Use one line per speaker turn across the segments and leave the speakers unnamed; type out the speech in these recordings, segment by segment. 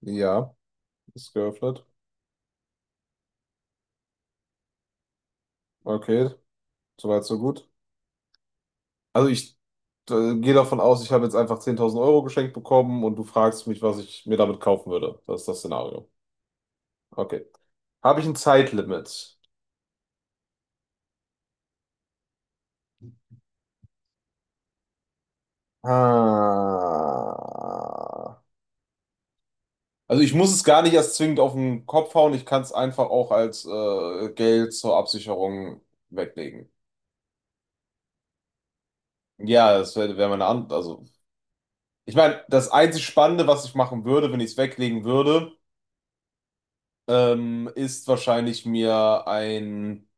Ja, ist geöffnet. Okay, soweit so gut. Also ich gehe davon aus, ich habe jetzt einfach 10.000 Euro geschenkt bekommen und du fragst mich, was ich mir damit kaufen würde. Das ist das Szenario. Okay. Habe ich ein Zeitlimit? Ah. Also ich muss es gar nicht erst zwingend auf den Kopf hauen, ich kann es einfach auch als Geld zur Absicherung weglegen. Ja, das wäre wär meine Antwort. Also ich meine, das einzig Spannende, was ich machen würde, wenn ich es weglegen würde, ist wahrscheinlich mir ein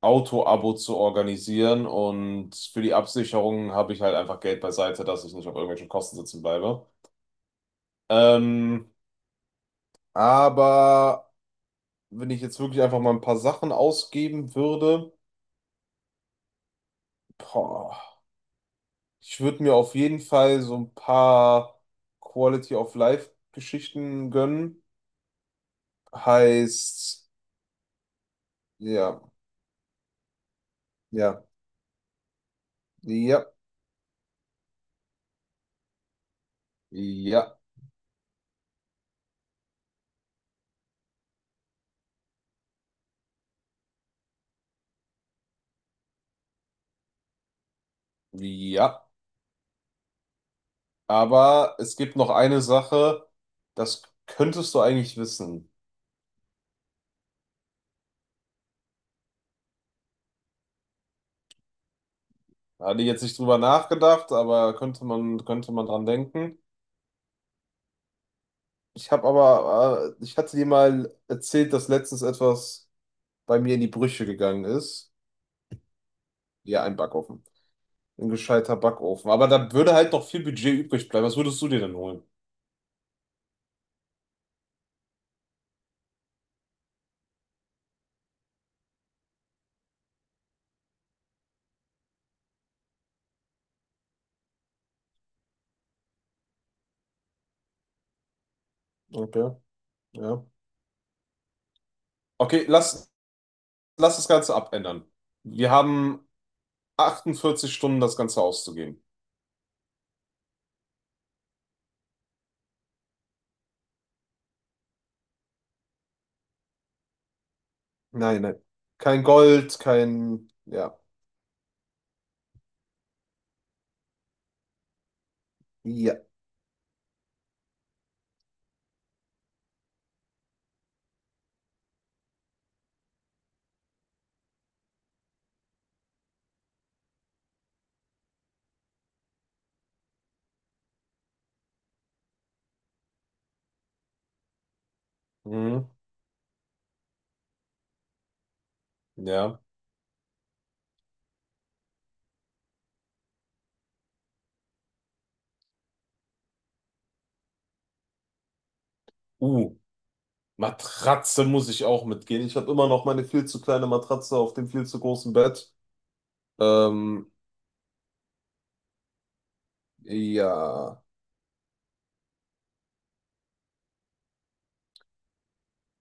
Auto-Abo zu organisieren, und für die Absicherung habe ich halt einfach Geld beiseite, dass ich nicht auf irgendwelchen Kosten sitzen bleibe. Ähm, aber wenn ich jetzt wirklich einfach mal ein paar Sachen ausgeben würde, boah, ich würde mir auf jeden Fall so ein paar Quality of Life Geschichten gönnen. Heißt, ja, ja, ja, ja, ja. Aber es gibt noch eine Sache, das könntest du eigentlich wissen. Da hatte ich jetzt nicht drüber nachgedacht, aber könnte man dran denken. Ich hatte dir mal erzählt, dass letztens etwas bei mir in die Brüche gegangen ist. Ja, ein Backofen. Ein gescheiter Backofen. Aber da würde halt noch viel Budget übrig bleiben. Was würdest du dir denn holen? Okay, ja. Okay, lass das Ganze abändern. Wir haben 48 Stunden, das Ganze auszugeben. Nein, nein. Kein Gold, kein. Ja. Ja. Mhm. Ja. Uh, Matratze muss ich auch mitgehen. Ich habe immer noch meine viel zu kleine Matratze auf dem viel zu großen Bett. Ähm, ja.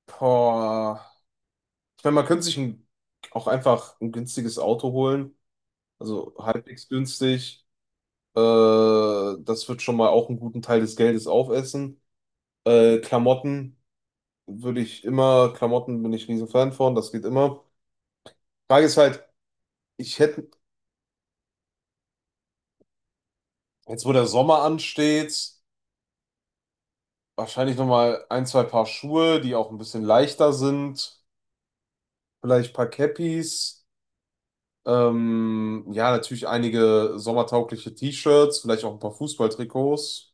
Boah. Ich meine, man könnte sich auch einfach ein günstiges Auto holen. Also halbwegs günstig. Äh, Das wird schon mal auch einen guten Teil des Geldes aufessen. Klamotten würde ich immer, Klamotten bin ich riesen Fan von, das geht immer. Frage ist halt, ich hätte, jetzt wo der Sommer ansteht, wahrscheinlich nochmal ein, zwei Paar Schuhe, die auch ein bisschen leichter sind. Vielleicht ein paar Cappies. Ja, natürlich einige sommertaugliche T-Shirts, vielleicht auch ein paar Fußballtrikots.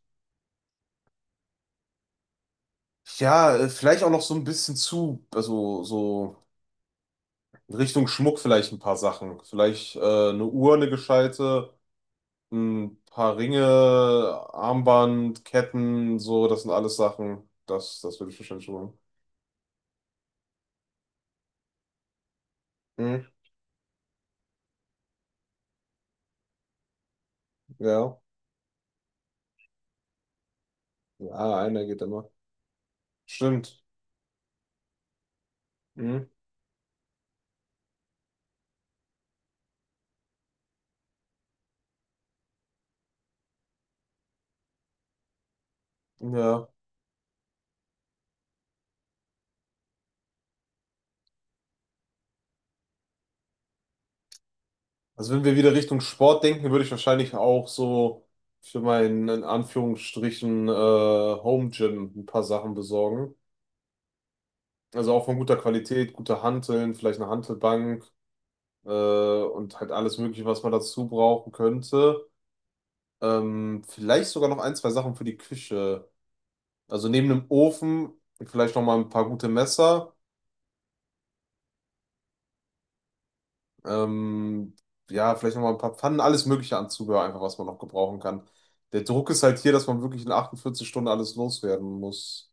Ja, vielleicht auch noch so ein bisschen zu, also so in Richtung Schmuck vielleicht ein paar Sachen. Vielleicht eine Uhr, eine gescheite, ein paar Ringe, Armband, Ketten, so, das sind alles Sachen. Das würde ich wahrscheinlich schon machen. Mhm, ja. Ja, einer geht immer. Stimmt. Mhm. Ja. Also wenn wir wieder Richtung Sport denken, würde ich wahrscheinlich auch so für meinen in Anführungsstrichen Home Gym ein paar Sachen besorgen. Also auch von guter Qualität, gute Hanteln, vielleicht eine Hantelbank und halt alles Mögliche, was man dazu brauchen könnte. Vielleicht sogar noch ein, zwei Sachen für die Küche. Also neben dem Ofen vielleicht noch mal ein paar gute Messer. Ähm, ja, vielleicht nochmal ein paar Pfannen, alles Mögliche an Zubehör, einfach was man noch gebrauchen kann. Der Druck ist halt hier, dass man wirklich in 48 Stunden alles loswerden muss.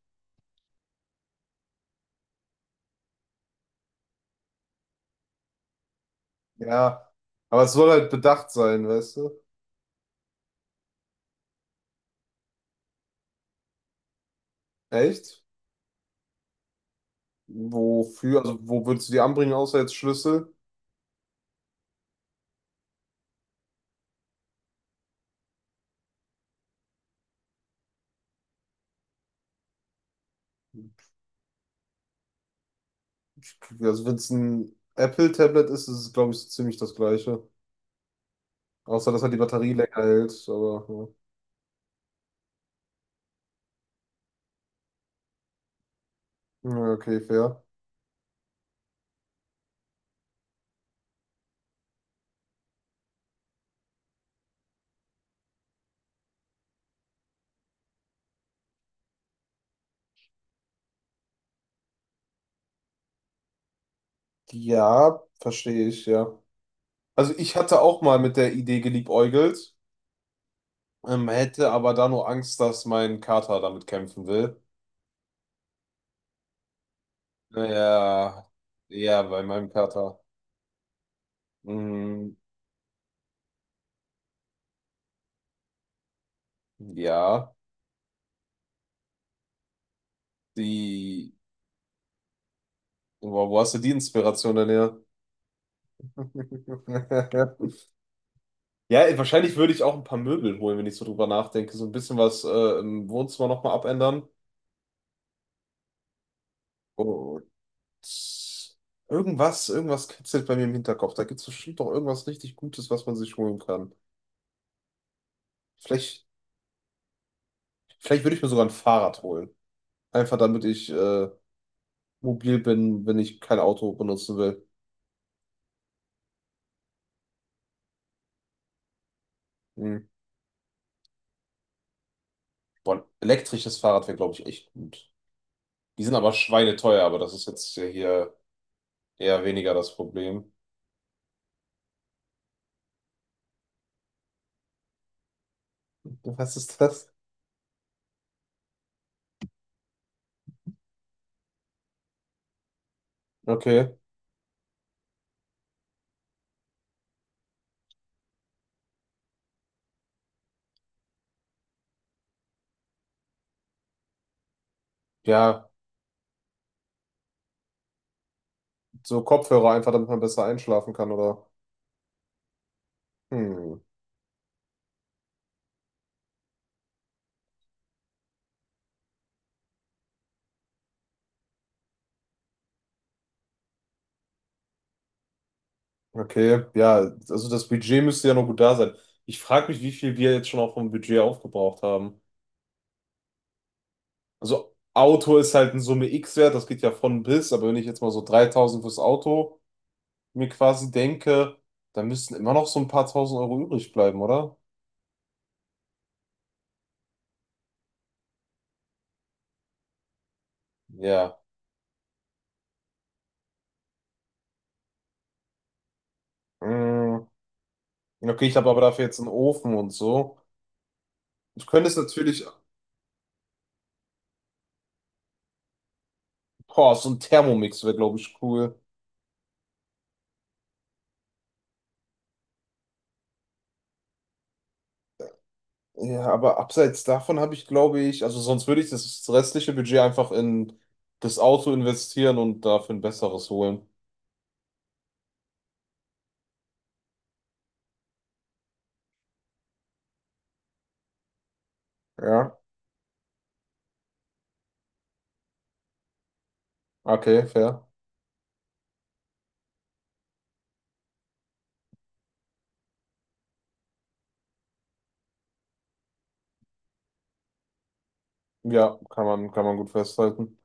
Ja, aber es soll halt bedacht sein, weißt du? Echt? Wofür? Also, wo würdest du die anbringen, außer jetzt Schlüssel? Also, wenn es ein Apple-Tablet ist, ist es, glaube ich, so ziemlich das Gleiche. Außer, dass halt die Batterie länger hält, aber ja. Ja, okay, fair. Ja, verstehe ich, ja. Also, ich hatte auch mal mit der Idee geliebäugelt. Hätte aber da nur Angst, dass mein Kater damit kämpfen will. Ja, ja, bei meinem Kater. Mhm, ja, die. Wo hast du die Inspiration denn her? Ja, wahrscheinlich würde ich auch ein paar Möbel holen, wenn ich so drüber nachdenke. So ein bisschen was im Wohnzimmer nochmal abändern. Und irgendwas kitzelt bei mir im Hinterkopf. Da gibt es bestimmt doch irgendwas richtig Gutes, was man sich holen kann. Vielleicht, vielleicht würde ich mir sogar ein Fahrrad holen. Einfach damit ich mobil bin, wenn ich kein Auto benutzen will. Hm. Boah, ein elektrisches Fahrrad wäre, glaube ich, echt gut. Die sind aber schweineteuer, aber das ist jetzt ja hier eher weniger das Problem. Was ist das? Okay. Ja, so Kopfhörer einfach, damit man besser einschlafen kann, oder? Hm. Okay. Ja, also das Budget müsste ja noch gut da sein. Ich frage mich, wie viel wir jetzt schon auch vom Budget aufgebraucht haben. Also Auto ist halt ein Summe X-Wert, das geht ja von bis, aber wenn ich jetzt mal so 3.000 fürs Auto mir quasi denke, da müssten immer noch so ein paar tausend Euro übrig bleiben, oder? Ja. Mm, okay, ich habe aber dafür jetzt einen Ofen und so. Ich könnte es natürlich, boah, so ein Thermomix wäre, glaube ich, cool. Ja, aber abseits davon habe ich, glaube ich, also sonst würde ich das restliche Budget einfach in das Auto investieren und dafür ein besseres holen. Ja, okay, fair. Ja, kann man gut festhalten.